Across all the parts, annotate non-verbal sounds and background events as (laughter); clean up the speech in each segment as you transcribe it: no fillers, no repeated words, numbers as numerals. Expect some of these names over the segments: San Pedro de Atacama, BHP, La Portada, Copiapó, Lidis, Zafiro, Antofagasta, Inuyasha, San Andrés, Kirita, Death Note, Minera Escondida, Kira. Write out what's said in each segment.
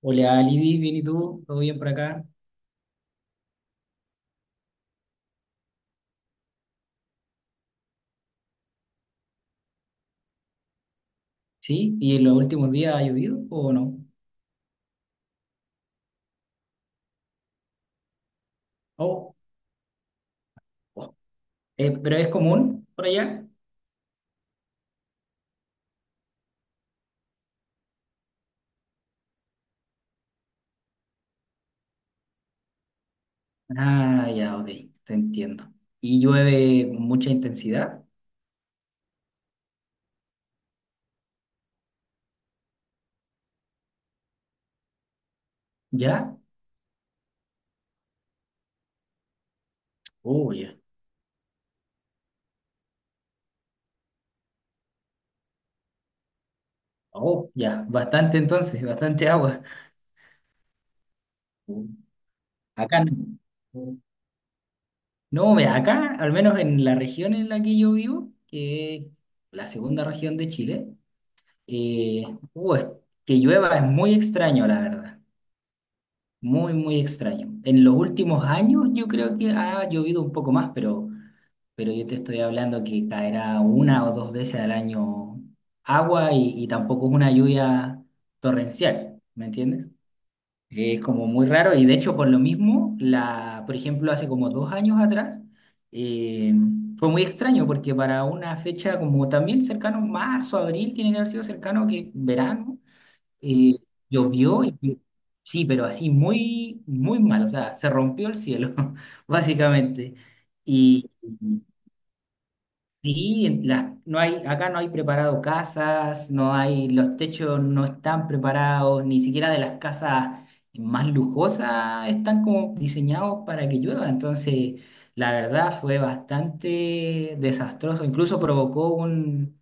Hola, Lidis, bien y tú, todo bien por acá. Sí, ¿y en los últimos días ha llovido o no? Oh, oh. Pero es común por allá. Ah, ya, ok, te entiendo. ¿Y llueve con mucha intensidad? ¿Ya? Oh, ya. Oh, ya, bastante entonces, bastante agua. Mm. Acá no. Mm. No, mira, acá, al menos en la región en la que yo vivo, que es la segunda región de Chile, eh, es que llueva es muy extraño, la verdad. Muy, muy extraño. En los últimos años yo creo que ha llovido un poco más, pero yo te estoy hablando que caerá una o dos veces al año agua y tampoco es una lluvia torrencial, ¿me entiendes? Es como muy raro y de hecho por lo mismo, la, por ejemplo, hace como dos años atrás, eh, fue muy extraño porque para una fecha como también cercano, marzo, abril, tiene que haber sido cercano que verano. Y llovió, sí, pero así muy, muy mal, o sea, se rompió el cielo, (laughs) básicamente. Y, y en no hay, acá no hay preparado casas, no hay, los techos no están preparados, ni siquiera de las casas más lujosas están como diseñados para que llueva. Entonces, la verdad fue bastante desastroso, incluso provocó un,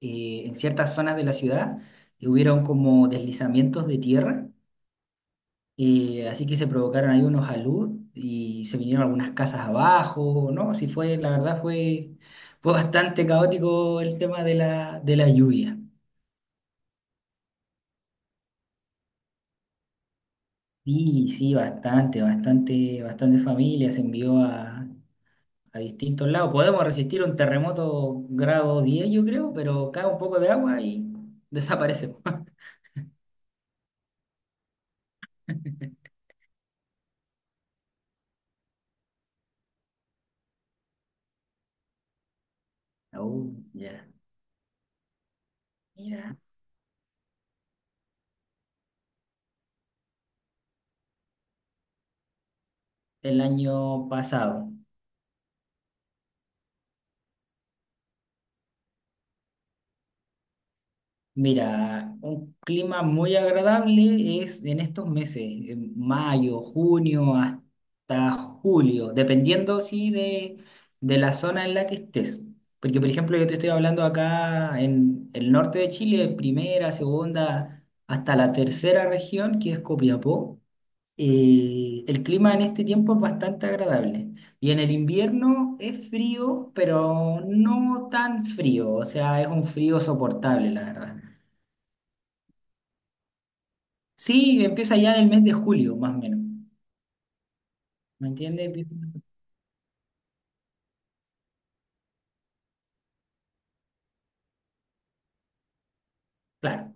en ciertas zonas de la ciudad, hubieron como deslizamientos de tierra y así que se provocaron ahí unos alud y se vinieron algunas casas abajo, ¿no? Sí fue, la verdad fue, fue bastante caótico el tema de la lluvia. Sí, sí, bastante, bastante, bastante familia se envió a distintos lados. Podemos resistir un terremoto grado 10 yo creo, pero cae un poco de agua y desaparece. (laughs) Oh, ya. Mira, el año pasado. Mira, un clima muy agradable es en estos meses, en mayo, junio, hasta julio, dependiendo sí de la zona en la que estés. Porque, por ejemplo, yo te estoy hablando acá en el norte de Chile, primera, segunda, hasta la tercera región, que es Copiapó. El clima en este tiempo es bastante agradable. Y en el invierno es frío, pero no tan frío, o sea, es un frío soportable, la verdad. Sí, empieza ya en el mes de julio, más o menos. ¿Me entiendes? Empieza- Claro.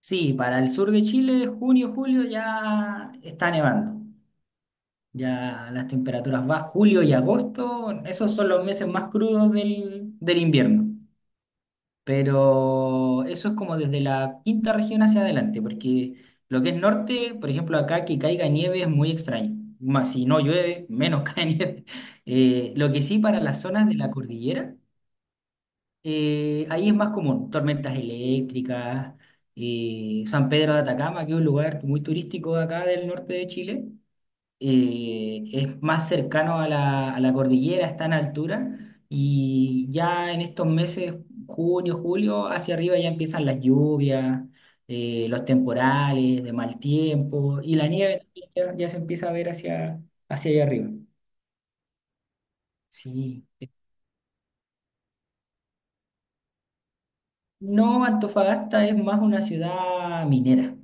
Sí, para el sur de Chile, junio, julio ya está nevando. Ya las temperaturas van, julio y agosto, esos son los meses más crudos del, del invierno. Pero eso es como desde la quinta región hacia adelante, porque lo que es norte, por ejemplo, acá que caiga nieve es muy extraño. Más si no llueve, menos (laughs) cae nieve. Lo que sí para las zonas de la cordillera. Ahí es más común, tormentas eléctricas, San Pedro de Atacama, que es un lugar muy turístico de acá del norte de Chile, es más cercano a la cordillera, está en altura, y ya en estos meses, junio, julio, hacia arriba ya empiezan las lluvias, los temporales de mal tiempo, y la nieve también ya, ya se empieza a ver hacia, hacia allá arriba. Sí. No, Antofagasta es más una ciudad minera,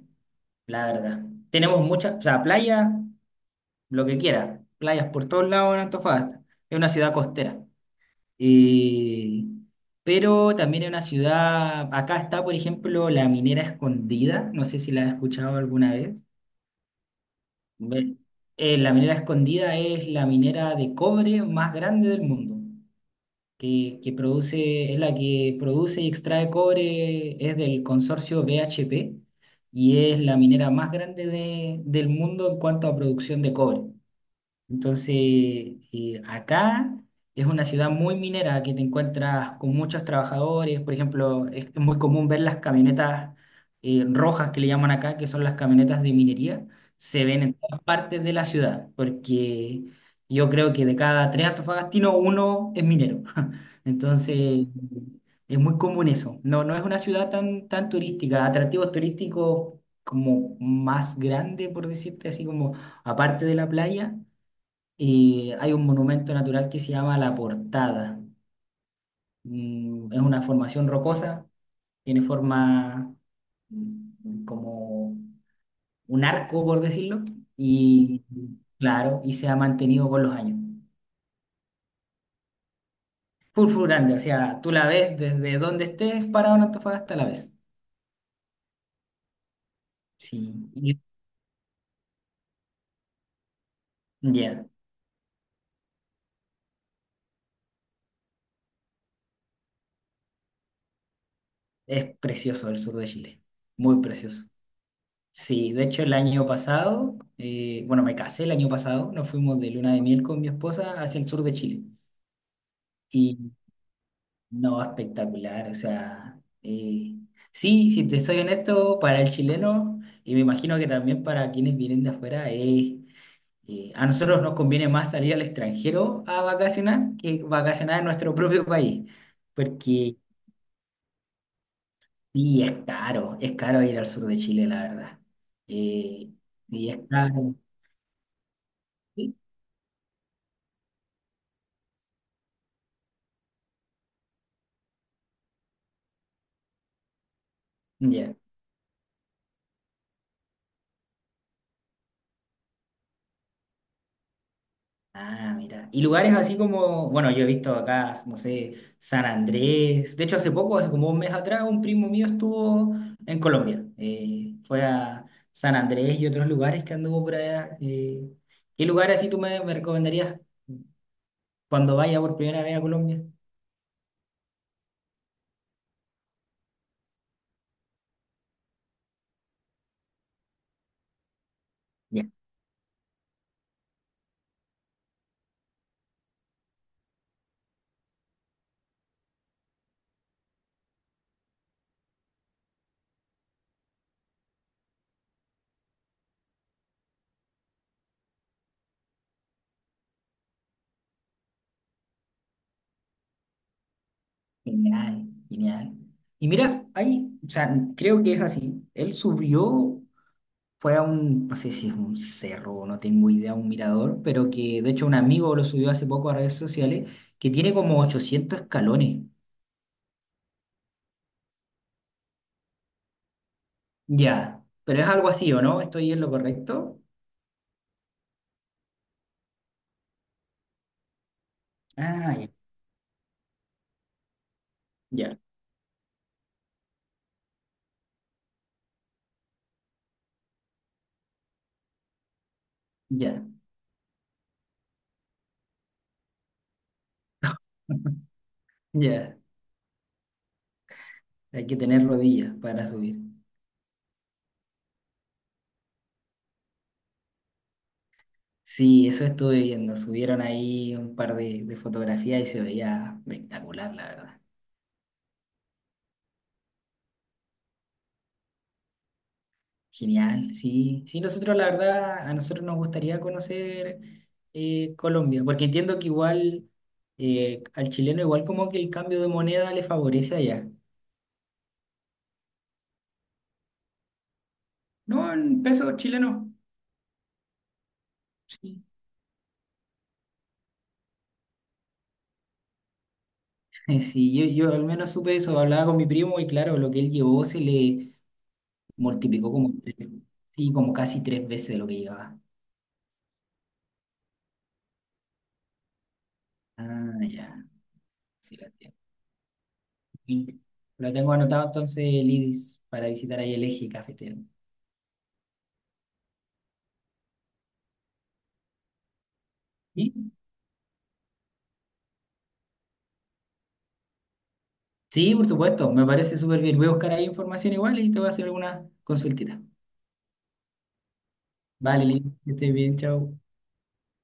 la verdad. Tenemos muchas, o sea, playas, lo que quiera, playas por todos lados en Antofagasta. Es una ciudad costera. Y- pero también es una ciudad, acá está, por ejemplo, la Minera Escondida, no sé si la has escuchado alguna vez. Ve- la Minera Escondida es la minera de cobre más grande del mundo, que produce, es la que produce y extrae cobre, es del consorcio BHP y es la minera más grande del mundo en cuanto a producción de cobre. Entonces, acá es una ciudad muy minera que te encuentras con muchos trabajadores. Por ejemplo, es muy común ver las camionetas rojas que le llaman acá, que son las camionetas de minería. Se ven en todas partes de la ciudad, porque yo creo que de cada 3 antofagastinos, uno es minero. (laughs) Entonces, es muy común eso. No, no es una ciudad tan, tan turística. Atractivos turísticos como más grande, por decirte así, como aparte de la playa y hay un monumento natural que se llama La Portada. Mm, es una formación rocosa, tiene forma mm, como un arco, por decirlo, y claro, y se ha mantenido con los años. Full, full grande, o sea, tú la ves desde donde estés parado en Antofagasta, la ves. Sí, y- ya, es precioso el sur de Chile, muy precioso. Sí, de hecho el año pasado, bueno, me casé el año pasado, nos fuimos de luna de miel con mi esposa hacia el sur de Chile. Y no, espectacular, o sea, sí, si te soy honesto, para el chileno, y me imagino que también para quienes vienen de afuera, es, a nosotros nos conviene más salir al extranjero a vacacionar que vacacionar en nuestro propio país, porque sí, es caro ir al sur de Chile, la verdad. Eh, y es caro. Sí, ya. Ah, mira. Y lugares así como, bueno, yo he visto acá, no sé, San Andrés. De hecho, hace poco, hace como un mes atrás, un primo mío estuvo en Colombia. Fue a San Andrés y otros lugares que anduvo por allá. ¿Qué lugares así tú me, me recomendarías cuando vaya por primera vez a Colombia? Ya, genial, genial. Y mira, ahí, o sea, creo que es así. Él subió. Fue a un, no sé si es un cerro, no tengo idea, un mirador, pero que de hecho un amigo lo subió hace poco a redes sociales, que tiene como 800 escalones. Ya, pero es algo así, ¿o no? ¿Estoy en lo correcto? Ah, ya, ya, ya, (laughs) ya. Hay que tener rodillas para subir. Sí, eso estuve viendo. Subieron ahí un par de fotografías y se veía espectacular, la verdad. Genial, sí. Sí, nosotros la verdad, a nosotros nos gustaría conocer Colombia, porque entiendo que igual al chileno igual como que el cambio de moneda le favorece allá. No, en pesos chilenos. Sí, (laughs) sí, yo al menos supe eso, hablaba con mi primo y claro, lo que él llevó se le multiplicó como, sí, como casi 3 veces lo que llevaba. Ah, ya, sí, lo entiendo. Y lo tengo anotado entonces, Lidis, para visitar ahí el eje cafetero. ¿Sí? Sí, por supuesto, me parece súper bien. Voy a buscar ahí información igual y te voy a hacer alguna consultita. Vale, Lin, que estés bien, chao.